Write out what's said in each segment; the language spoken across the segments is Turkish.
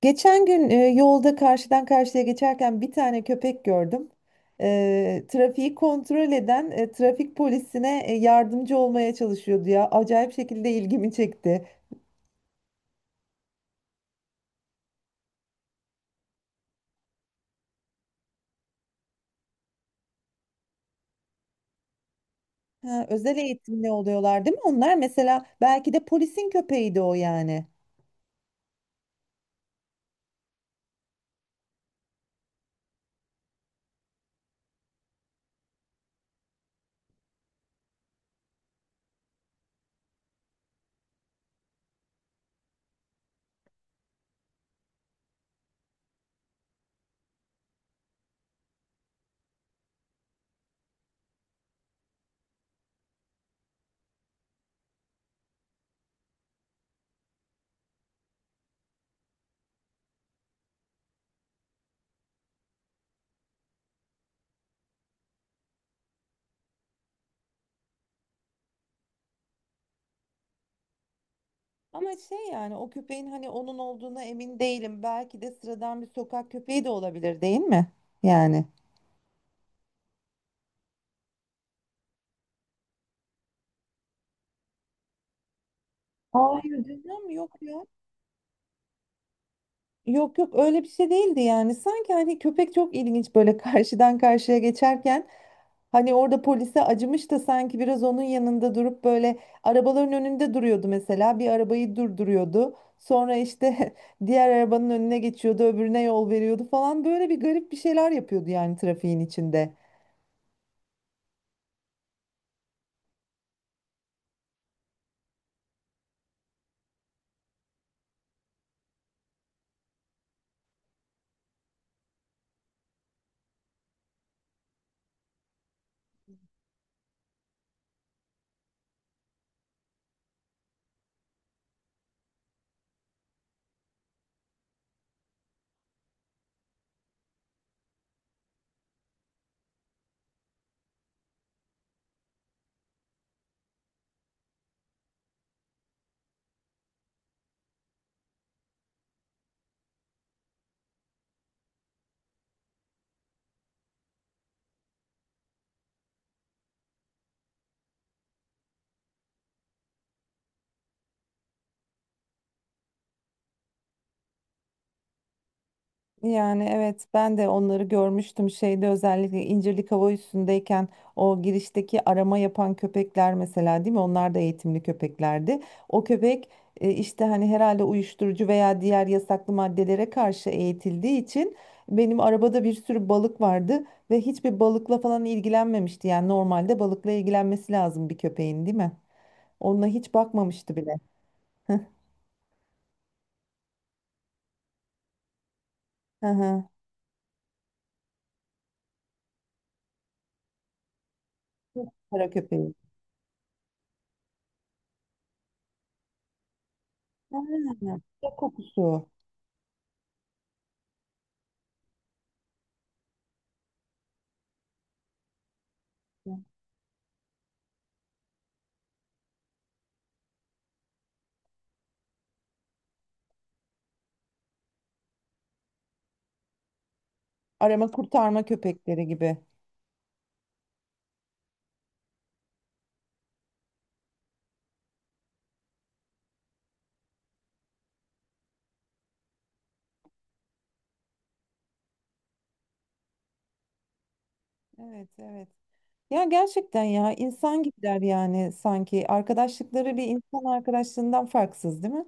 Geçen gün yolda karşıdan karşıya geçerken bir tane köpek gördüm. Trafiği kontrol eden trafik polisine yardımcı olmaya çalışıyordu ya. Acayip şekilde ilgimi çekti. Ha, özel eğitimli oluyorlar değil mi? Onlar mesela belki de polisin köpeğiydi o yani. Ama şey yani o köpeğin hani onun olduğuna emin değilim. Belki de sıradan bir sokak köpeği de olabilir değil mi? Yani. Hayır canım yok ya. Yok yok öyle bir şey değildi yani. Sanki hani köpek çok ilginç böyle karşıdan karşıya geçerken hani orada polise acımış da sanki biraz onun yanında durup böyle arabaların önünde duruyordu mesela. Bir arabayı durduruyordu. Sonra işte diğer arabanın önüne geçiyordu, öbürüne yol veriyordu falan, böyle bir garip bir şeyler yapıyordu yani trafiğin içinde. Yani evet, ben de onları görmüştüm şeyde, özellikle İncirlik Hava Üssü'ndeyken o girişteki arama yapan köpekler mesela, değil mi? Onlar da eğitimli köpeklerdi. O köpek işte hani herhalde uyuşturucu veya diğer yasaklı maddelere karşı eğitildiği için benim arabada bir sürü balık vardı ve hiçbir balıkla falan ilgilenmemişti. Yani normalde balıkla ilgilenmesi lazım bir köpeğin, değil mi? Onunla hiç bakmamıştı bile. Hı hı. Kara köpeği. Ha, ya kokusu. Arama kurtarma köpekleri gibi. Evet, evet. Ya gerçekten ya, insan gibiler yani sanki. Arkadaşlıkları bir insan arkadaşlığından farksız, değil mi?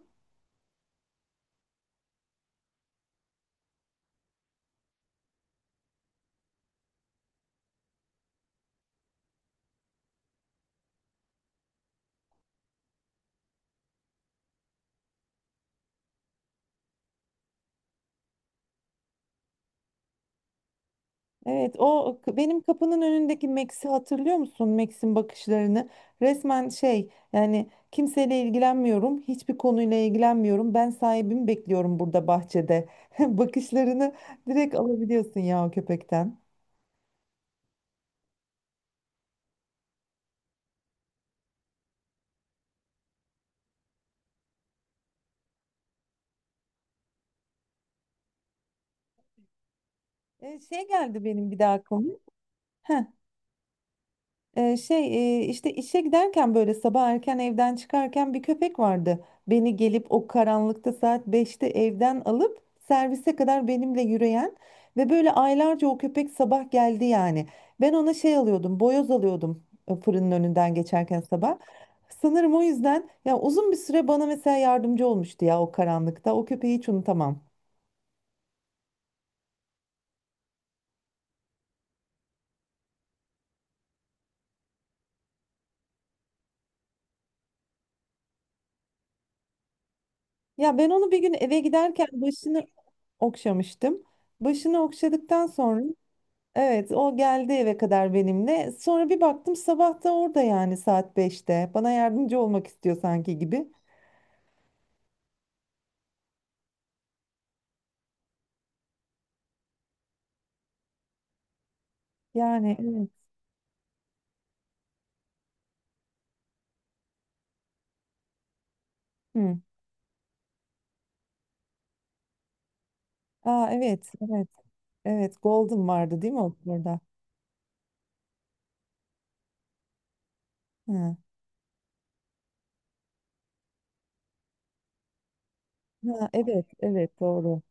Evet, benim kapının önündeki Max'i hatırlıyor musun? Max'in bakışlarını. Resmen şey, yani kimseyle ilgilenmiyorum, hiçbir konuyla ilgilenmiyorum. Ben sahibimi bekliyorum burada bahçede. Bakışlarını direkt alabiliyorsun ya o köpekten. Şey geldi benim bir daha aklıma. Heh. İşte işe giderken böyle sabah erken evden çıkarken bir köpek vardı. Beni gelip o karanlıkta saat beşte evden alıp servise kadar benimle yürüyen ve böyle aylarca o köpek sabah geldi yani. Ben ona şey alıyordum, boyoz alıyordum fırının önünden geçerken sabah. Sanırım o yüzden ya uzun bir süre bana mesela yardımcı olmuştu ya o karanlıkta. O köpeği hiç unutamam. Ya ben onu bir gün eve giderken başını okşamıştım. Başını okşadıktan sonra evet, o geldi eve kadar benimle. Sonra bir baktım sabah da orada, yani saat beşte. Bana yardımcı olmak istiyor sanki gibi. Yani evet. Hı. Aa evet, evet. Evet, Golden vardı değil mi o orada? Hı. Ha, evet, evet doğru.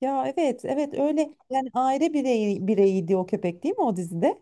Ya evet, evet, öyle yani aile bireyi, bireyiydi o köpek değil mi o dizide?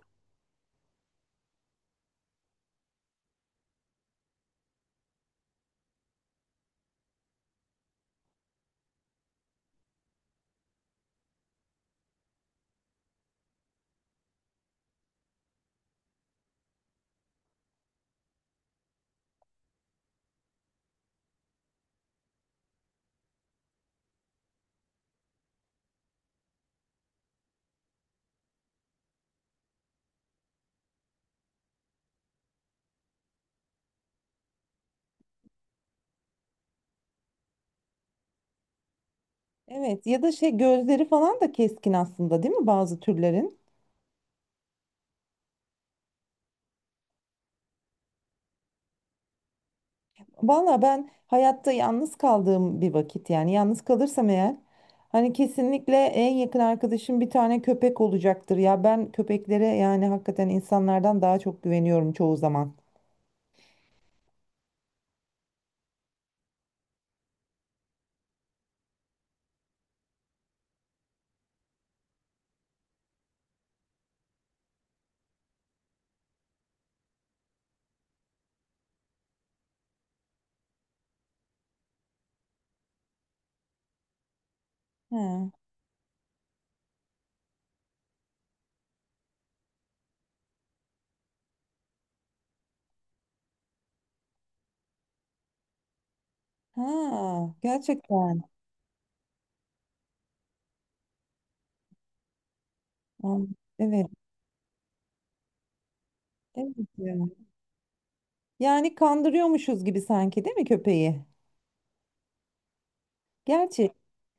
Evet, ya da şey gözleri falan da keskin aslında değil mi bazı türlerin? Valla ben hayatta yalnız kaldığım bir vakit, yani yalnız kalırsam eğer, hani kesinlikle en yakın arkadaşım bir tane köpek olacaktır ya. Ben köpeklere yani hakikaten insanlardan daha çok güveniyorum çoğu zaman. Ha, ha gerçekten. Am- evet, evet ya. Yani kandırıyormuşuz gibi sanki değil mi köpeği? Gerçi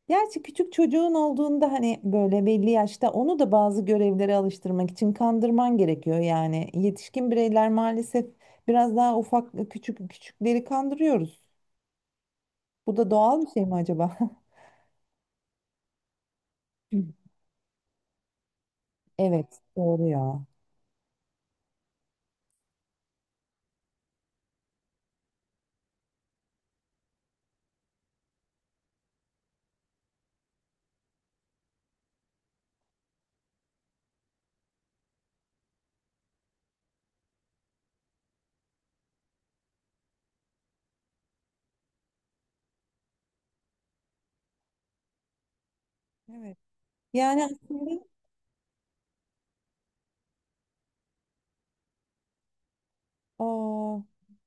gerçi küçük çocuğun olduğunda hani böyle belli yaşta onu da bazı görevlere alıştırmak için kandırman gerekiyor yani. Yetişkin bireyler maalesef biraz daha ufak küçük küçükleri kandırıyoruz. Bu da doğal bir şey mi acaba? Evet, doğru ya. Evet. Yani aslında aa,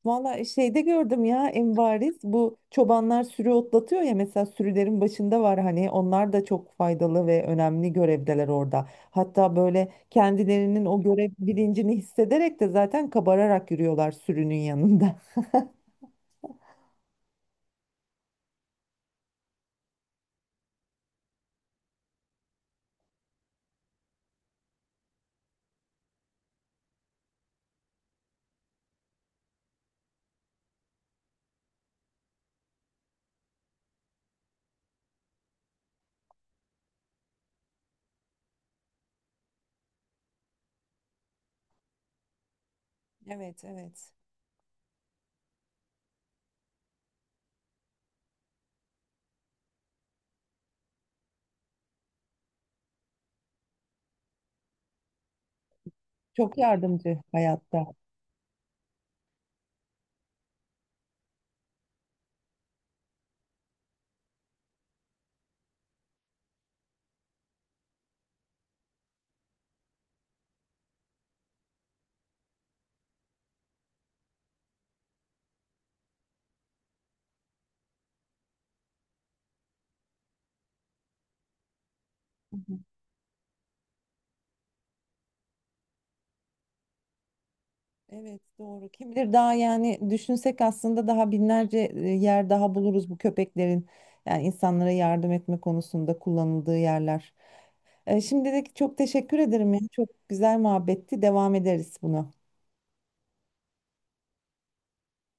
valla şeyde gördüm ya en bariz, bu çobanlar sürü otlatıyor ya mesela, sürülerin başında var hani onlar da çok faydalı ve önemli görevdeler orada. Hatta böyle kendilerinin o görev bilincini hissederek de zaten kabararak yürüyorlar sürünün yanında. Evet, evet. Çok yardımcı hayatta. Evet doğru. Kim bilir daha yani düşünsek aslında daha binlerce yer daha buluruz bu köpeklerin yani insanlara yardım etme konusunda kullanıldığı yerler. Şimdilik çok teşekkür ederim ya. Çok güzel muhabbetti. Devam ederiz buna.